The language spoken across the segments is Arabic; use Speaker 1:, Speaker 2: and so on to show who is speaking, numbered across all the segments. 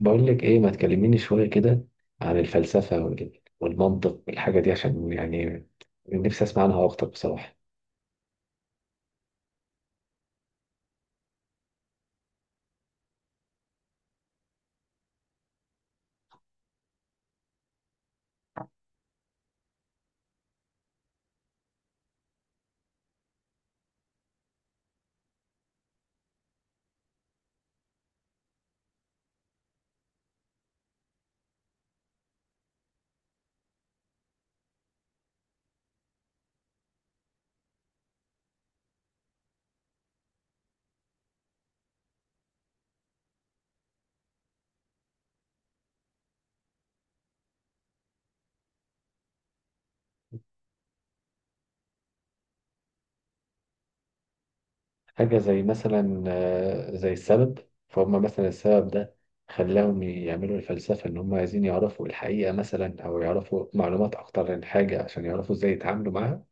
Speaker 1: بقول لك ايه، ما تكلميني شويه كده عن الفلسفه والمنطق والحاجه دي عشان يعني نفسي اسمع عنها اكتر بصراحه. حاجه زي مثلا زي السبب. فهم مثلا السبب ده خلاهم يعملوا الفلسفه، ان هم عايزين يعرفوا الحقيقه مثلا او يعرفوا معلومات اكتر عن حاجه عشان يعرفوا ازاي يتعاملوا معاها.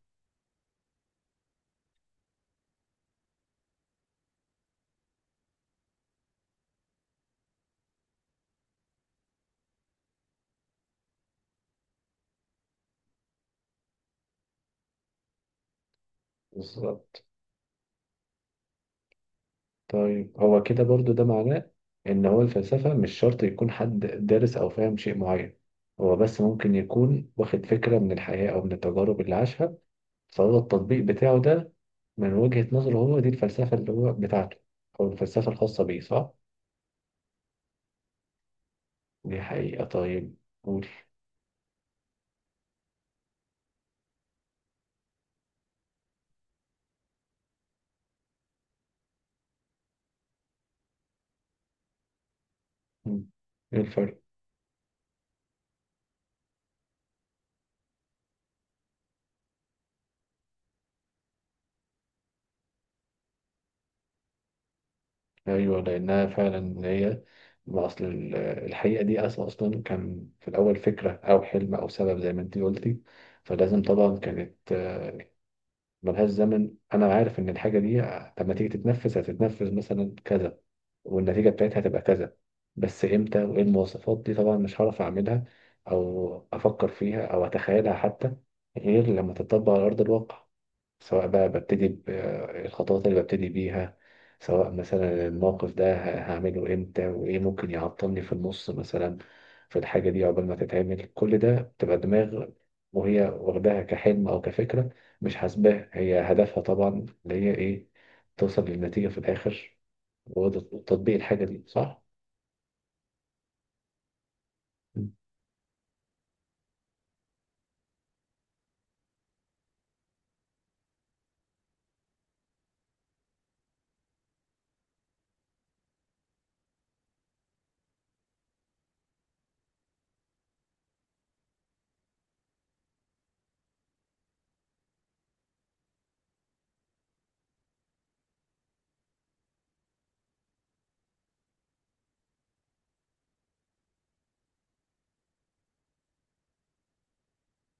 Speaker 1: بالظبط. طيب، هو كده برضو ده معناه ان هو الفلسفة مش شرط يكون حد دارس او فاهم شيء معين. هو بس ممكن يكون واخد فكرة من الحياة او من التجارب اللي عاشها، فهو التطبيق بتاعه ده من وجهة نظره، هو دي الفلسفة اللي هو بتاعته او الفلسفة الخاصة بيه، صح؟ دي حقيقة. طيب، قول. مم. ايه الفرق؟ ايوه، لانها فعلا هي ما اصل الحقيقة دي اصلا كان في الاول فكرة او حلم او سبب زي ما انت قلتي. فلازم طبعا كانت ملهاش زمن. انا عارف ان الحاجه دي لما تيجي تتنفذ هتتنفذ مثلا كذا، والنتيجه بتاعتها هتبقى كذا. بس امتى وايه المواصفات دي، طبعا مش هعرف اعملها او افكر فيها او اتخيلها حتى غير لما تتطبق على ارض الواقع. سواء بقى ببتدي بالخطوات اللي ببتدي بيها، سواء مثلا الموقف ده هعمله امتى وايه ممكن يعطلني في النص مثلا في الحاجة دي، عقبال ما تتعمل كل ده بتبقى دماغ وهي واخداها كحلم او كفكرة، مش حاسباها. هي هدفها طبعا اللي هي ايه؟ توصل للنتيجة في الآخر وتطبيق الحاجة دي، صح؟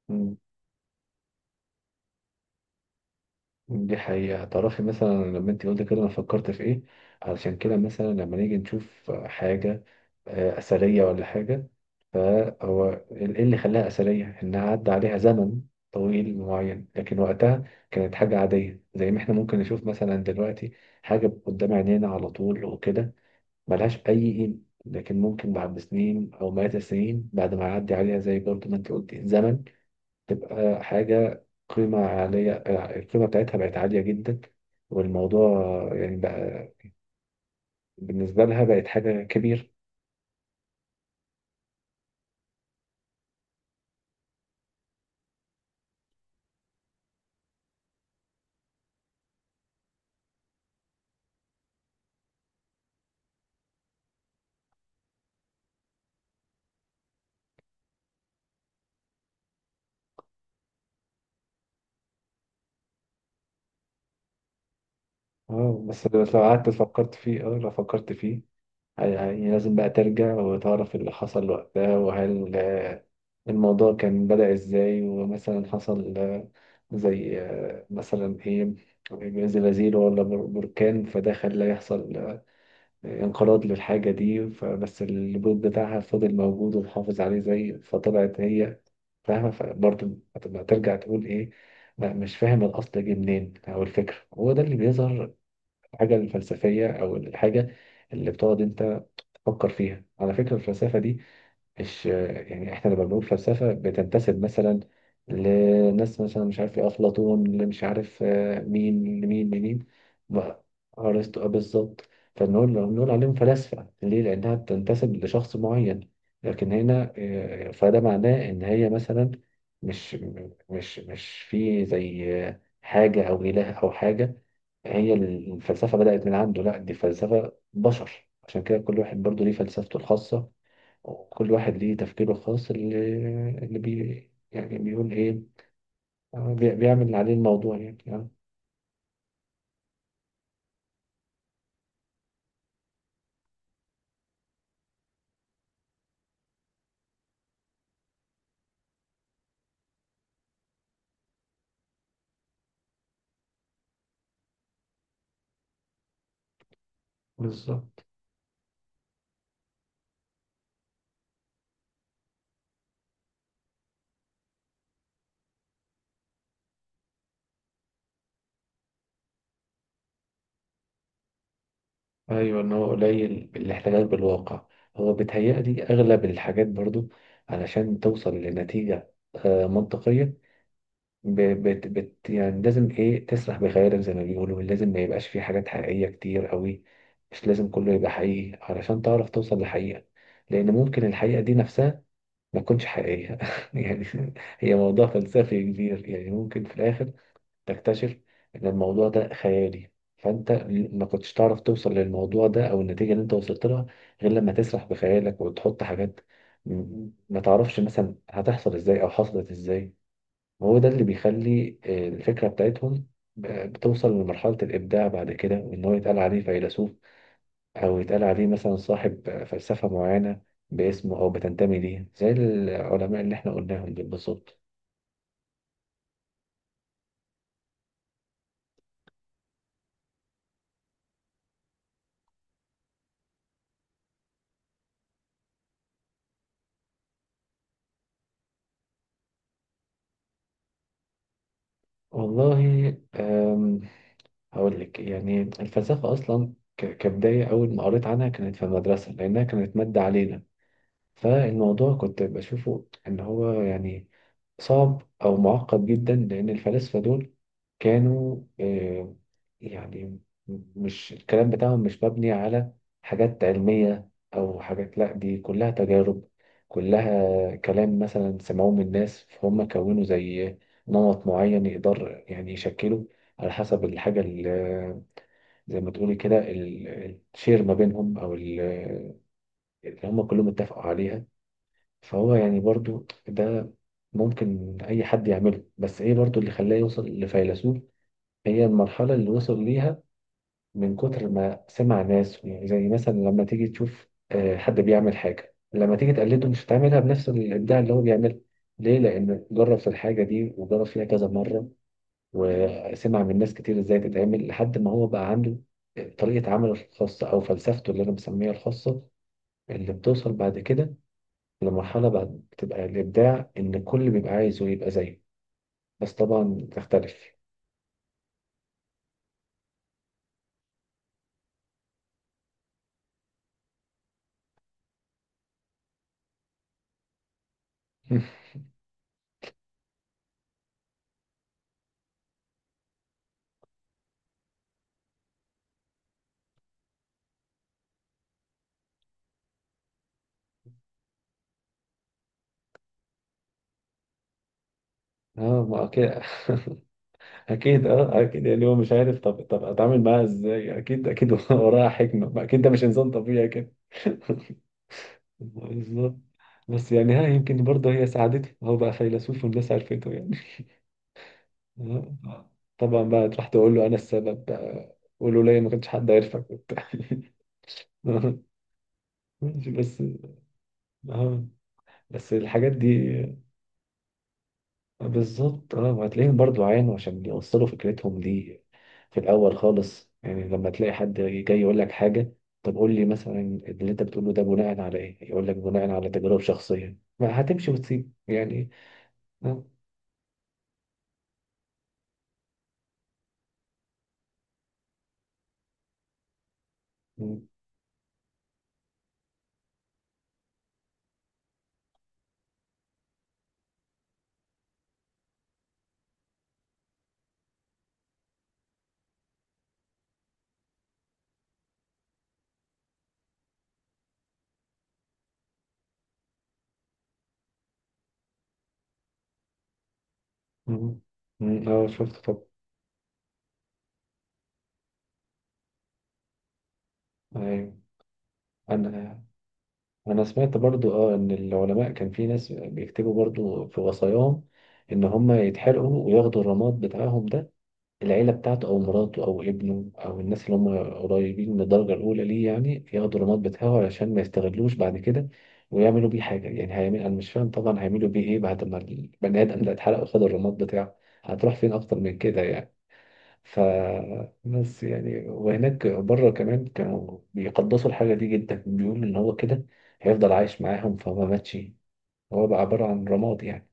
Speaker 1: مم. دي حقيقة. تعرفي مثلا لما انت قلت كده انا فكرت في ايه؟ علشان كده مثلا لما نيجي نشوف حاجة أثرية ولا حاجة، فهو إيه اللي خلاها أثرية؟ إنها عدى عليها زمن طويل معين، لكن وقتها كانت حاجة عادية. زي ما إحنا ممكن نشوف مثلا دلوقتي حاجة قدام عينينا على طول وكده، ملهاش أي قيمة. لكن ممكن بعد سنين أو مئات السنين، بعد ما يعدي عليها، زي برضه ما أنت قلت، زمن، تبقى حاجة قيمة عالية. القيمة بتاعتها بقت عالية جدا، والموضوع يعني بقى بالنسبة لها بقت حاجة كبيرة. اه، بس لو قعدت فكرت فيه، لو فكرت فيه، يعني لازم بقى ترجع وتعرف اللي حصل وقتها، وهل الموضوع كان بدأ ازاي، ومثلا حصل زي مثلا ايه، زلازل ولا بركان، فده خلى يحصل انقراض للحاجة دي، فبس البيض بتاعها فضل موجود ومحافظ عليه زي، فطلعت هي، فاهمة؟ فبرضه هتبقى ترجع تقول ايه، لا مش فاهم الأصل جه منين أو الفكرة. هو ده اللي بيظهر الحاجة الفلسفية أو الحاجة اللي بتقعد أنت تفكر فيها على فكرة. الفلسفة دي مش يعني احنا لما بنقول فلسفة بتنتسب مثلا لناس، مثلا مش عارف ايه، أفلاطون، اللي مش عارف مين لمين لمين. ما- أرسطو بالظبط. فنقول، نقول عليهم فلاسفة ليه؟ لأنها بتنتسب لشخص معين. لكن هنا، فده معناه إن هي مثلا مش مش في، زي حاجة أو إله أو حاجة، هي الفلسفة بدأت من عنده. لا، دي فلسفة بشر، عشان كده كل واحد برضه ليه فلسفته الخاصة، وكل واحد ليه تفكيره الخاص اللي يعني بيقول ايه. بيعمل اللي عليه الموضوع يعني بالظبط. ايوه، ان هو قليل الاحتكاك بالواقع. هو بيتهيألي اغلب الحاجات برضو، علشان توصل لنتيجة منطقية، ب- بت بت يعني لازم ايه، تسرح بخيالك زي ما بيقولوا، لازم ما يبقاش فيه حاجات حقيقية كتير قوي. مش لازم كله يبقى حقيقي علشان تعرف توصل لحقيقة، لأن ممكن الحقيقة دي نفسها ما تكونش حقيقية يعني. هي موضوع فلسفي كبير، يعني ممكن في الآخر تكتشف إن الموضوع ده خيالي. فأنت ما كنتش تعرف توصل للموضوع ده أو النتيجة اللي أنت وصلت لها غير لما تسرح بخيالك وتحط حاجات ما تعرفش مثلا هتحصل إزاي أو حصلت إزاي. وهو ده اللي بيخلي الفكرة بتاعتهم ب- بتوصل لمرحلة الإبداع بعد كده، وإن هو يتقال عليه فيلسوف أو يتقال عليه مثلا صاحب فلسفة معينة باسمه، أو بتنتمي ليه، زي العلماء اللي إحنا قلناهم دول بالظبط. والله، هقول لك يعني الفلسفة أصلا كبداية، أول ما قريت عنها كانت في المدرسة لأنها كانت مادة علينا. فالموضوع كنت بشوفه إن هو يعني صعب أو معقد جدا، لأن الفلاسفة دول كانوا يعني مش الكلام بتاعهم مش مبني على حاجات علمية أو حاجات، لأ دي كلها تجارب. كلها كلام مثلا سمعوه من الناس، فهم كونوا زي نمط معين يقدر يعني يشكله على حسب الحاجة اللي، زي ما تقولي كده، الشير ما بينهم أو اللي هم كلهم اتفقوا عليها. فهو يعني برضو ده ممكن أي حد يعمله، بس إيه برضو اللي خلاه يوصل لفيلسوف؟ هي المرحلة اللي وصل ليها من كتر ما سمع ناس، يعني زي مثلا لما تيجي تشوف حد بيعمل حاجة، لما تيجي تقلده مش هتعملها بنفس الإبداع اللي هو بيعمله. ليه؟ لأن جرب في الحاجة دي وجرب فيها كذا مرة، وسمع من ناس كتير إزاي تتعمل، لحد ما هو بقى عنده طريقة عمله الخاصة أو فلسفته اللي أنا بسميها الخاصة، اللي بتوصل بعد كده. المرحلة بعد بتبقى الإبداع، إن كل بيبقى عايزه يبقى زيه، بس طبعا بتختلف. اه، ما اكيد. اكيد اه، اكيد يعني هو مش عارف، طب، طب اتعامل معاها ازاي، اكيد اكيد وراها حكمه، ما اكيد ده مش انسان طبيعي كده. بالظبط. بس يعني ها، يمكن برضه هي ساعدته، هو بقى فيلسوف والناس عرفته يعني. آه. طبعا بقى تروح تقول له انا السبب بقى، قولوا ليا، ما كانش حد عارفك وبتاع. ماشي، بس. اه، بس الحاجات دي بالظبط. اه، وهتلاقيهم برضو عانوا عشان يوصلوا فكرتهم دي في الاول خالص، يعني لما تلاقي حد جاي يقول لك حاجه، طب قول لي مثلا اللي انت بتقوله ده بناء على ايه، يقول لك بناء على تجارب شخصيه، ما هتمشي وتسيب يعني. اه، م- م- شفت، طب. ايوه، انا انا سمعت برضو ان العلماء كان في ناس بيكتبوا برضو في وصاياهم ان هم يتحرقوا وياخدوا الرماد بتاعهم ده، العيلة بتاعته أو مراته أو ابنه أو الناس اللي هم قريبين من الدرجة الأولى ليه، يعني ياخدوا الرماد بتاعه علشان ما يستغلوش بعد كده، ويعملوا بيه حاجة. يعني هيعمل، أنا مش فاهم طبعا هيعملوا بيه إيه بعد ما البني آدم ده اتحرق وخد الرماد بتاعه، هتروح فين أكتر من كده يعني؟ ف بس يعني وهناك بره كمان كانوا بيقدسوا الحاجة دي جدا، بيقولوا إن هو كده هيفضل عايش معاهم، فما ماتش، هو بقى عبارة عن رماد يعني.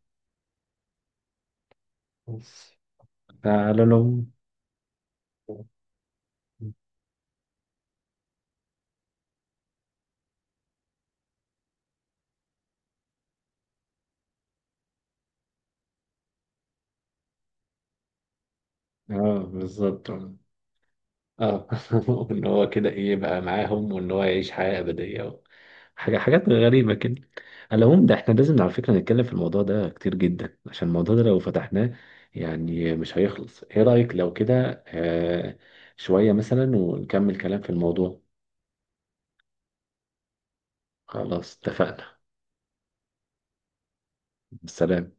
Speaker 1: بس على العموم، اه، بالظبط، اه وان هو كده ايه؟ يبقى معاهم، وان هو يعيش حياة أبدية، حاجة، حاجات غريبة كده. على العموم، ده احنا لازم على فكرة نتكلم في الموضوع ده كتير جدا، عشان الموضوع ده لو فتحناه يعني مش هيخلص. ايه رأيك لو كده شوية مثلا ونكمل كلام في الموضوع؟ خلاص اتفقنا. سلام.